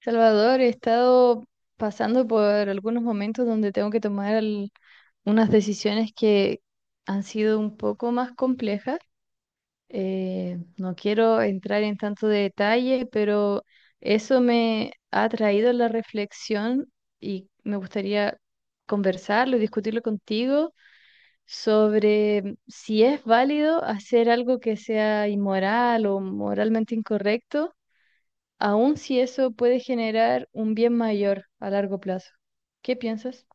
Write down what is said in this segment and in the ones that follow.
Salvador, he estado pasando por algunos momentos donde tengo que tomar unas decisiones que han sido un poco más complejas. No quiero entrar en tanto detalle, pero eso me ha traído la reflexión y me gustaría conversarlo y discutirlo contigo sobre si es válido hacer algo que sea inmoral o moralmente incorrecto aun si eso puede generar un bien mayor a largo plazo. ¿Qué piensas?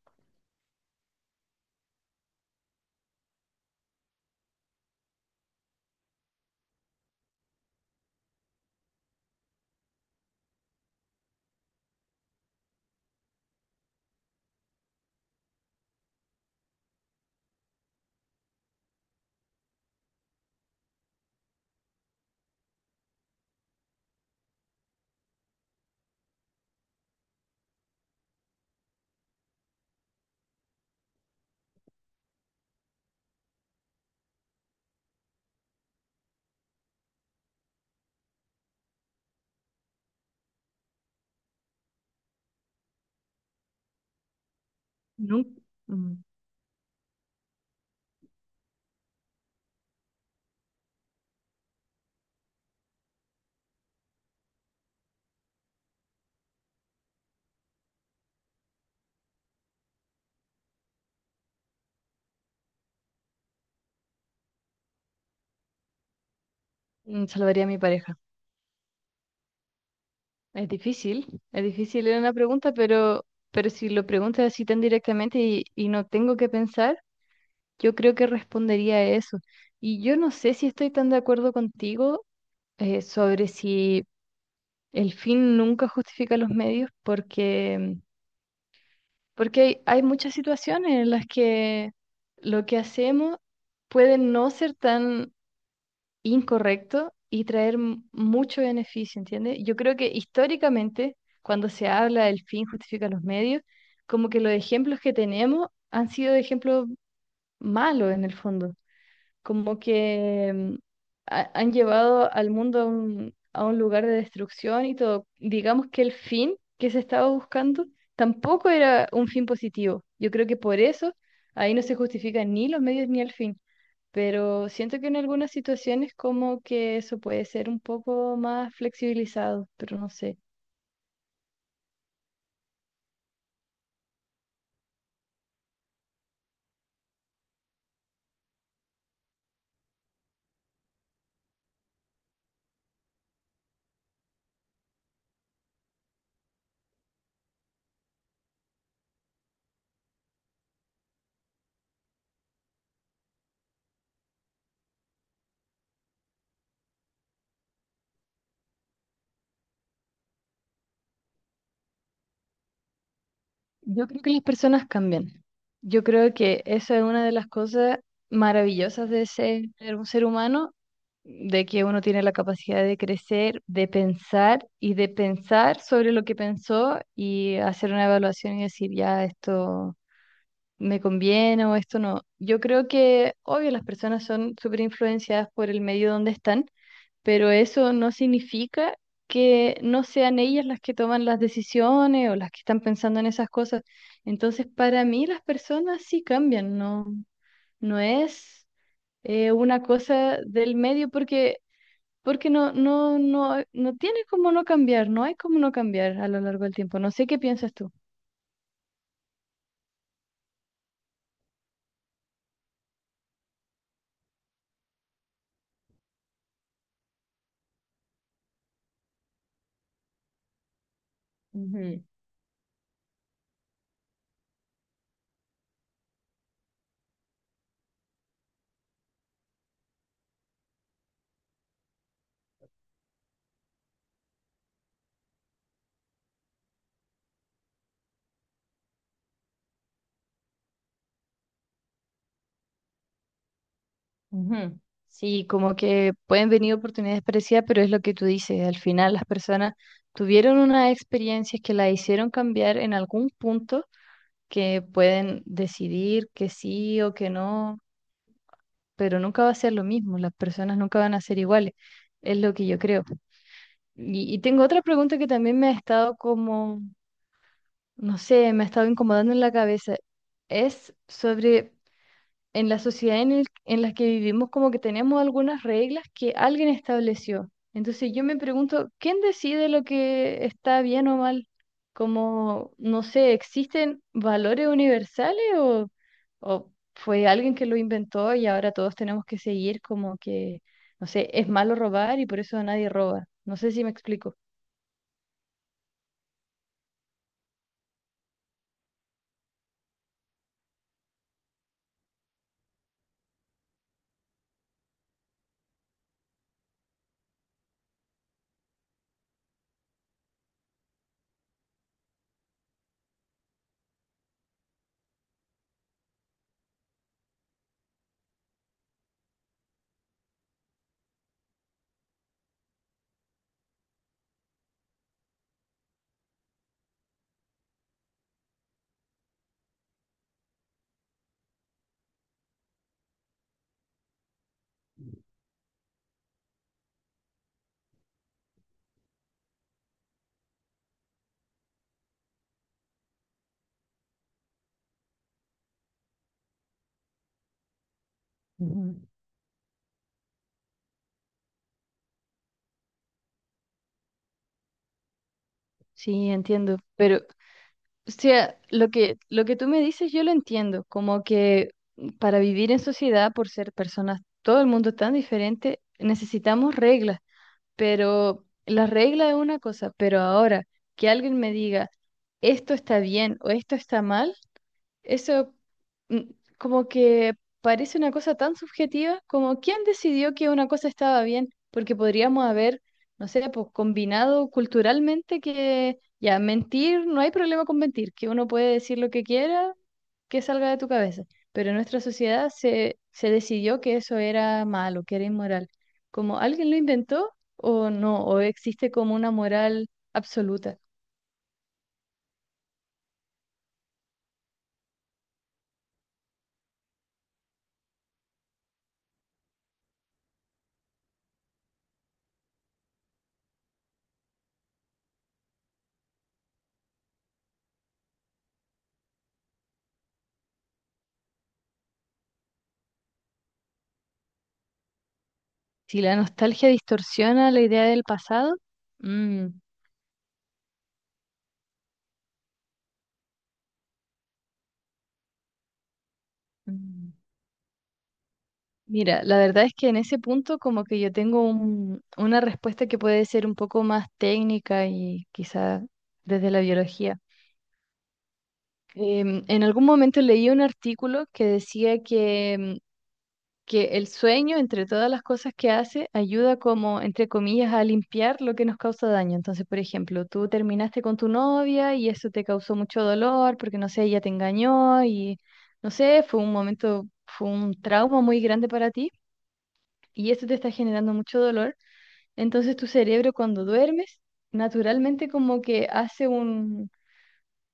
Nun- mm, Mm, salvaría a mi pareja. Es difícil, es difícil era una pregunta, pero si lo preguntas así tan directamente y no tengo que pensar, yo creo que respondería a eso. Y yo no sé si estoy tan de acuerdo contigo sobre si el fin nunca justifica los medios, porque hay, hay muchas situaciones en las que lo que hacemos puede no ser tan incorrecto y traer mucho beneficio, ¿entiendes? Yo creo que históricamente, cuando se habla del fin justifica los medios, como que los ejemplos que tenemos han sido ejemplos malos en el fondo, como que han llevado al mundo a a un lugar de destrucción y todo. Digamos que el fin que se estaba buscando tampoco era un fin positivo. Yo creo que por eso ahí no se justifican ni los medios ni el fin. Pero siento que en algunas situaciones como que eso puede ser un poco más flexibilizado, pero no sé. Yo creo que las personas cambian. Yo creo que esa es una de las cosas maravillosas de ser un ser humano, de que uno tiene la capacidad de crecer, de pensar y de pensar sobre lo que pensó y hacer una evaluación y decir, ya, esto me conviene o esto no. Yo creo que, obvio, las personas son súper influenciadas por el medio donde están, pero eso no significa que no sean ellas las que toman las decisiones o las que están pensando en esas cosas. Entonces, para mí las personas sí cambian, no, no es una cosa del medio, porque, porque no, no tiene como no cambiar, no hay como no cambiar a lo largo del tiempo. No sé qué piensas tú. Ujú. Ujú. Sí, como que pueden venir oportunidades parecidas, pero es lo que tú dices, al final las personas tuvieron unas experiencias que la hicieron cambiar en algún punto, que pueden decidir que sí o que no, pero nunca va a ser lo mismo, las personas nunca van a ser iguales, es lo que yo creo. Y tengo otra pregunta que también me ha estado como, no sé, me ha estado incomodando en la cabeza, es sobre... en la sociedad en la que vivimos como que tenemos algunas reglas que alguien estableció. Entonces yo me pregunto, ¿quién decide lo que está bien o mal? Como, no sé, ¿existen valores universales, o fue alguien que lo inventó y ahora todos tenemos que seguir como que, no sé, es malo robar y por eso nadie roba? No sé si me explico. Ujú. Sí, entiendo. Pero o sea, lo que tú me dices yo lo entiendo, como que para vivir en sociedad, por ser personas, todo el mundo tan diferente, necesitamos reglas, pero la regla es una cosa, pero ahora que alguien me diga esto está bien o esto está mal, eso mm, como que parece una cosa tan subjetiva como quién decidió que una cosa estaba bien, porque podríamos haber, no sé, pues combinado culturalmente que ya mentir, no hay problema con mentir, que uno puede decir lo que quiera, que salga de tu cabeza, pero en nuestra sociedad se decidió que eso era malo, que era inmoral. Como alguien lo inventó o no, o existe como una moral absoluta. Si la nostalgia distorsiona la idea del pasado, mm, mm. Mira, la verdad es que en ese punto como que yo tengo una respuesta que puede ser un poco más técnica y quizá desde la biología. En algún momento leí un artículo que decía que, que el sueño, entre todas las cosas que hace, ayuda, como entre comillas, a limpiar lo que nos causa daño. Entonces, por ejemplo, tú terminaste con tu novia y eso te causó mucho dolor porque, no sé, ella te engañó y, no sé, fue un momento, fue un trauma muy grande para ti. Y esto te está generando mucho dolor, entonces tu cerebro, cuando duermes, naturalmente como que hace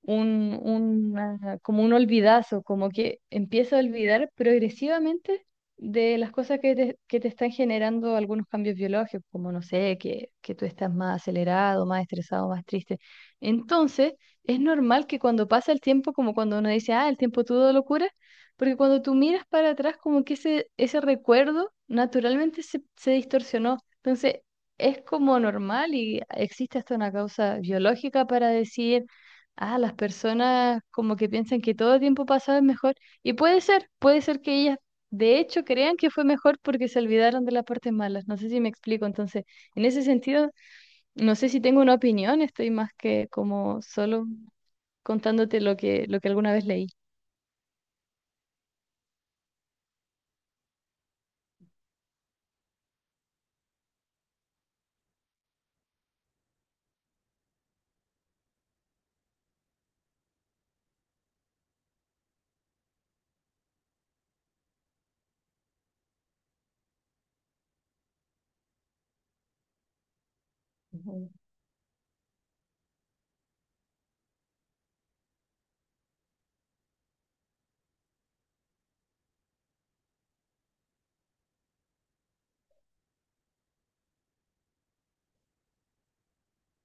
como un olvidazo, como que empieza a olvidar progresivamente de las cosas que te están generando algunos cambios biológicos, como no sé, que tú estás más acelerado, más estresado, más triste. Entonces, es normal que cuando pasa el tiempo, como cuando uno dice, ah, el tiempo todo locura, porque cuando tú miras para atrás, como que ese recuerdo naturalmente se distorsionó. Entonces, es como normal y existe hasta una causa biológica para decir, ah, las personas como que piensan que todo tiempo pasado es mejor. Y puede ser que ellas de hecho crean que fue mejor porque se olvidaron de las partes malas. No sé si me explico. Entonces, en ese sentido, no sé si tengo una opinión, estoy más que como solo contándote lo que alguna vez leí. Ujú.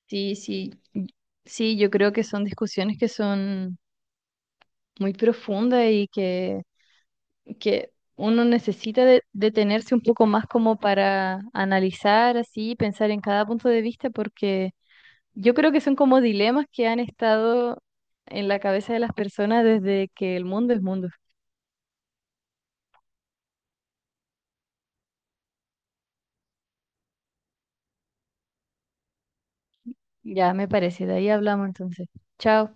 Sí, sí. Sí, yo creo que son discusiones que son muy profundas y que uno necesita detenerse un poco más como para analizar así, pensar en cada punto de vista, porque yo creo que son como dilemas que han estado en la cabeza de las personas desde que el mundo es mundo. Ya me parece, de ahí hablamos entonces. Chao.